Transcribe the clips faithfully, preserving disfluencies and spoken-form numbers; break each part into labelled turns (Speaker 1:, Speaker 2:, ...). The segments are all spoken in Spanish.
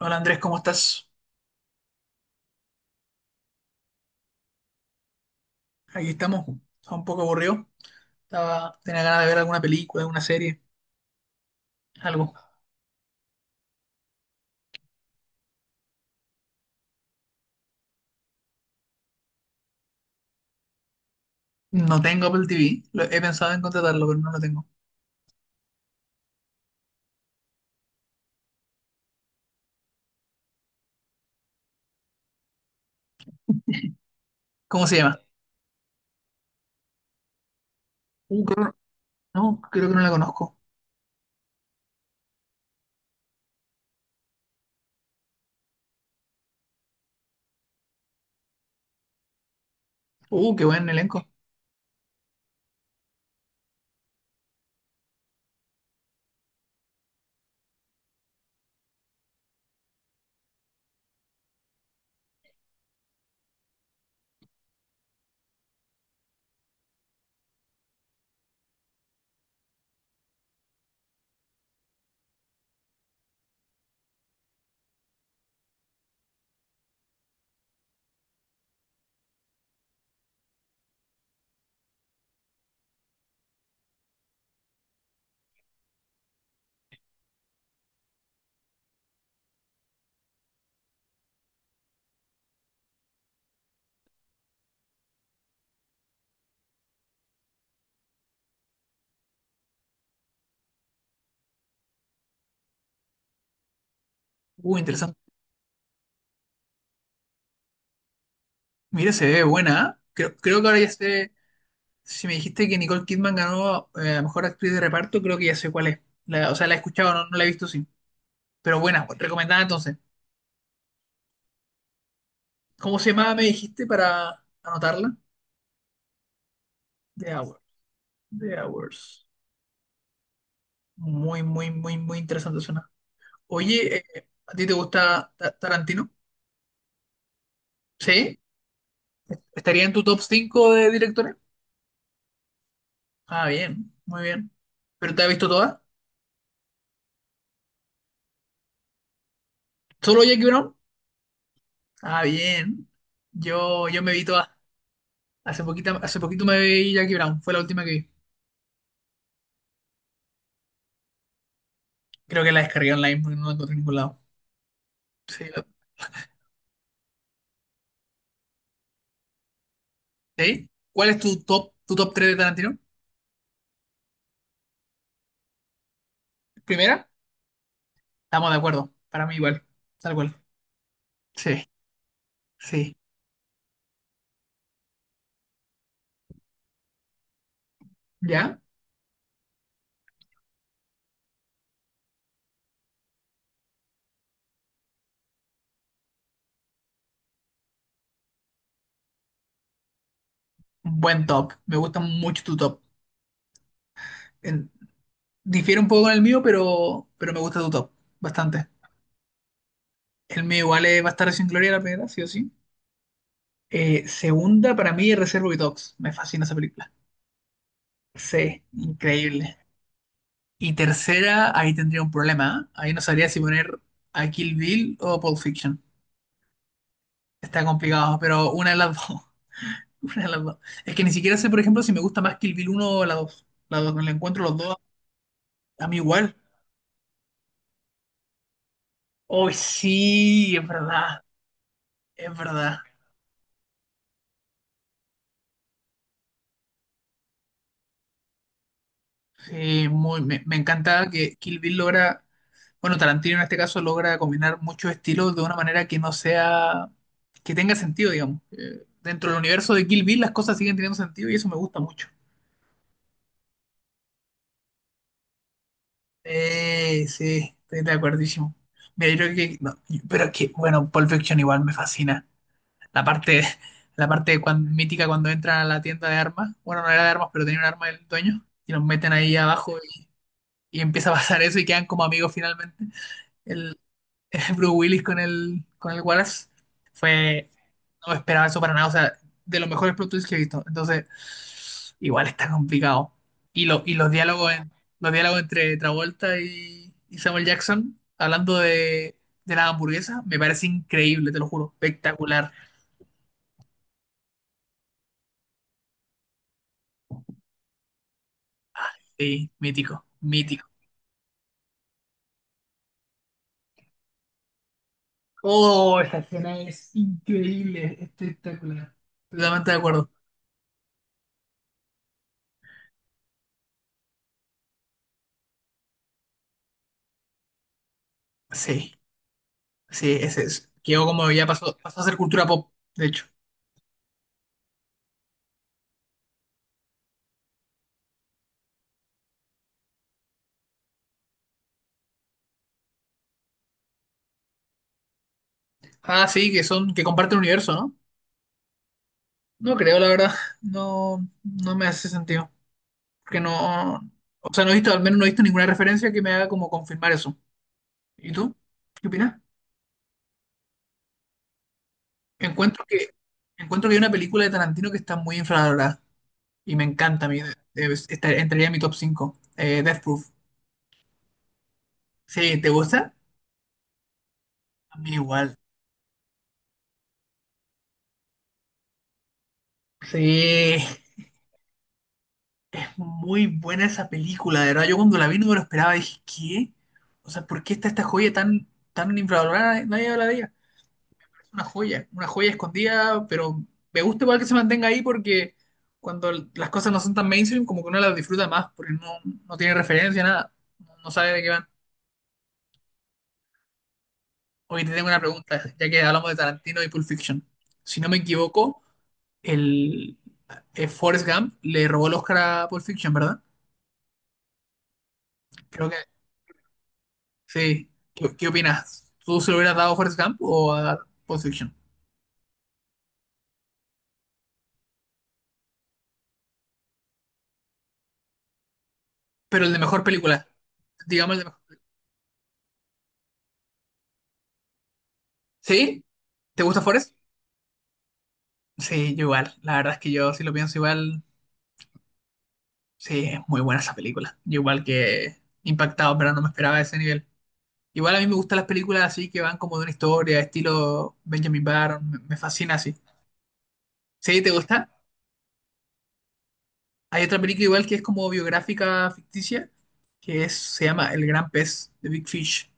Speaker 1: Hola Andrés, ¿cómo estás? Aquí estamos. Estaba un poco aburrido. Estaba, tenía ganas de ver alguna película, alguna serie, algo. No tengo Apple T V. Lo- he pensado en contratarlo, pero no lo tengo. ¿Cómo se llama? Uh, creo- no, creo que no la conozco. Uh, qué buen elenco. Uh, interesante. Mira, se ve buena, ¿eh? Creo, creo que ahora ya sé. Si me dijiste que Nicole Kidman ganó, eh, a mejor actriz de reparto, creo que ya sé cuál es. La- o sea, la he escuchado, no, no la he visto, sí. Pero buena, pues, recomendada entonces. ¿Cómo se llamaba, me dijiste, para anotarla? The Hour. The Hours. Muy, muy, muy, muy interesante suena. Oye, eh, ¿a ti te gusta Ta- Tarantino? ¿Sí? ¿Estaría en tu top cinco de directores? Ah, bien, muy bien. ¿Pero te has visto todas? ¿Solo Jackie Brown? Ah, bien. Yo, yo me vi todas. Hace poquito, hace poquito me vi Jackie Brown. Fue la última que vi. Creo que la descargué online porque no la encontré en ningún lado. Sí, la- ¿Sí? ¿Cuál es tu top, tu top tres de Tarantino? ¿Primera? Estamos de acuerdo. Para mí igual. Tal cual. Sí, sí. ¿Ya? Buen top. Me gusta mucho tu top. en- Difiere un poco con el mío, pero, pero me gusta tu top, bastante. El mío igual es Bastardos sin Gloria, la primera, sí o sí. Eh, segunda, para mí, Reservoir Dogs. Me fascina esa película. Sí, increíble. Y tercera, ahí tendría un problema, ¿eh? Ahí no sabría si poner a Kill Bill o Pulp Fiction. Está complicado, pero una de las dos. Una de las dos. Es que ni siquiera sé, por ejemplo, si me gusta más Kill Bill uno o la dos. La dos me la encuentro los dos, a mí igual. Hoy sí, es verdad, es verdad. Sí, muy, me, me encanta que Kill Bill logra, bueno, Tarantino en este caso logra combinar muchos estilos de una manera que no sea, que tenga sentido, digamos. Eh, dentro del universo de Kill Bill las cosas siguen teniendo sentido y eso me gusta mucho. Eh, sí, estoy de acuerdísimo. Mira, yo creo que, no, pero es que, bueno, Pulp Fiction igual me fascina. La parte, la parte cuan- mítica cuando entran a la tienda de armas, bueno, no era de armas, pero tenía un arma del dueño, y los meten ahí abajo y, y empieza a pasar eso y quedan como amigos finalmente. El- Bruce Willis con el, con el Wallace. Fue, no esperaba eso para nada, o sea, de los mejores plot twists que he visto. Entonces, igual está complicado. Y, lo, y los diálogos en- los diálogos entre Travolta y, y Samuel Jackson, hablando de, de la hamburguesa, me parece increíble, te lo juro, espectacular. Sí, mítico, mítico. Oh, esa escena es increíble, espectacular. Totalmente de acuerdo. Sí, sí, ese es. Quedó como ya pasó, pasó a ser cultura pop, de hecho. Ah, sí, que son, que comparten universo, ¿no? No creo, la verdad. No, no me hace sentido. Porque no, o sea, no he visto, al menos no he visto ninguna referencia que me haga como confirmar eso. ¿Y tú? ¿Qué opinas? Encuentro que, Encuentro que hay una película de Tarantino que está muy infravalorada. Y me encanta a mí. De- de- esta- entraría en mi top cinco. Eh, Death Proof. Sí, ¿te gusta? A mí igual. Sí, es muy buena esa película, de verdad. Yo cuando la vi no me lo esperaba, dije, ¿qué? O sea, ¿por qué está esta joya tan, tan infravalorada? Nadie habla de ella. Una joya, una joya escondida, pero me gusta igual que se mantenga ahí porque cuando l- las cosas no son tan mainstream, como que uno las disfruta más porque no, no tiene referencia, nada, no no sabe de qué van. Oye, te tengo una pregunta, ya que hablamos de Tarantino y Pulp Fiction. Si no me equivoco, el, eh, Forrest Gump le robó el Oscar a Pulp Fiction, ¿verdad? Creo que sí. ¿Qué, qué opinas? ¿Tú se lo hubieras dado a Forrest Gump o a Pulp Fiction? Pero el de mejor película, digamos el de mejor. ¿Sí? ¿Te gusta Forrest? Sí, yo igual. La verdad es que yo, si lo pienso igual, sí, es muy buena esa película. Yo igual que impactado, pero no me esperaba ese nivel. Igual a mí me gustan las películas así que van como de una historia, estilo Benjamin Button me, me fascina así. ¿Sí? ¿Te gusta? Hay otra película igual que es como biográfica ficticia, que es, se llama El Gran Pez, de Big Fish.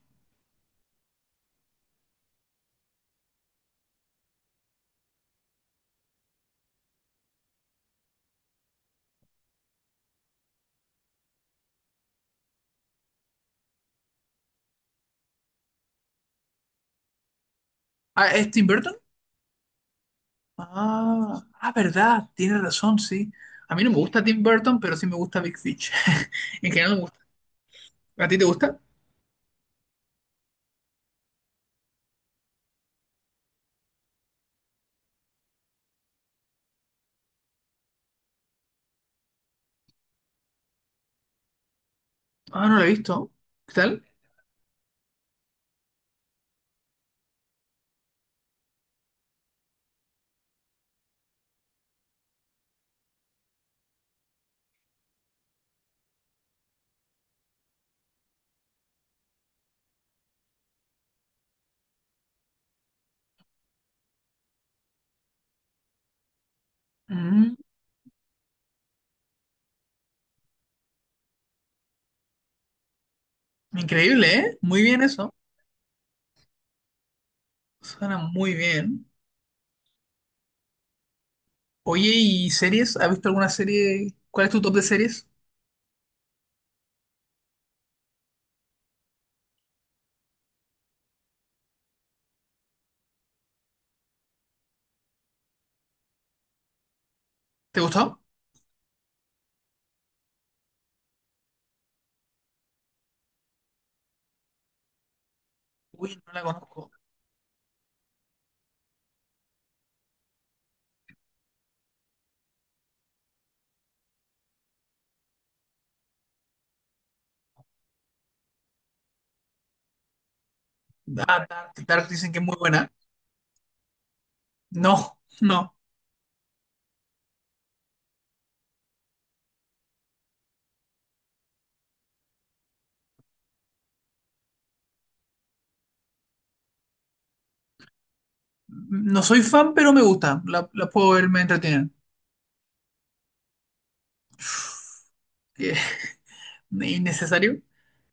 Speaker 1: Ah, ¿es Tim Burton? Ah, ah, verdad, tiene razón, sí. A mí no me gusta Tim Burton, pero sí me gusta Big Fish. En general no me gusta. ¿A ti te gusta? Ah, no lo he visto. ¿Qué tal? Mm, increíble, ¿eh? Muy bien eso. Suena muy bien. Oye, ¿y series? ¿Has visto alguna serie? ¿Cuál es tu top de series? ¿Te gustó? Uy, no la conozco. Ah, Dark, Dark dicen que es muy buena. No, no. No soy fan, pero me gusta. La, la puedo ver, me entretienen. Que es innecesario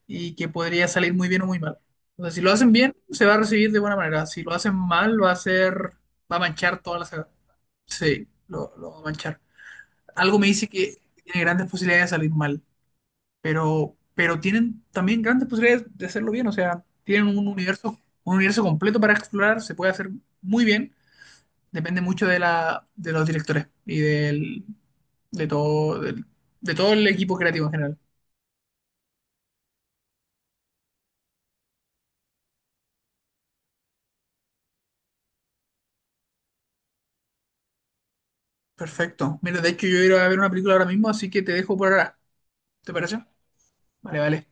Speaker 1: y que podría salir muy bien o muy mal. O sea, si lo hacen bien, se va a recibir de buena manera. Si lo hacen mal, va a ser... Va a manchar toda la saga. Sí, lo, lo va a manchar. Algo me dice que tiene grandes posibilidades de salir mal, pero, pero tienen también grandes posibilidades de hacerlo bien. O sea, tienen un universo, un universo completo para explorar, se puede hacer muy bien. Depende mucho de la, de los directores y del, de todo, del- de todo el equipo creativo en general. Perfecto. Mira, de hecho yo iré a ver una película ahora mismo, así que te dejo por ahora. ¿Te parece? Vale, vale.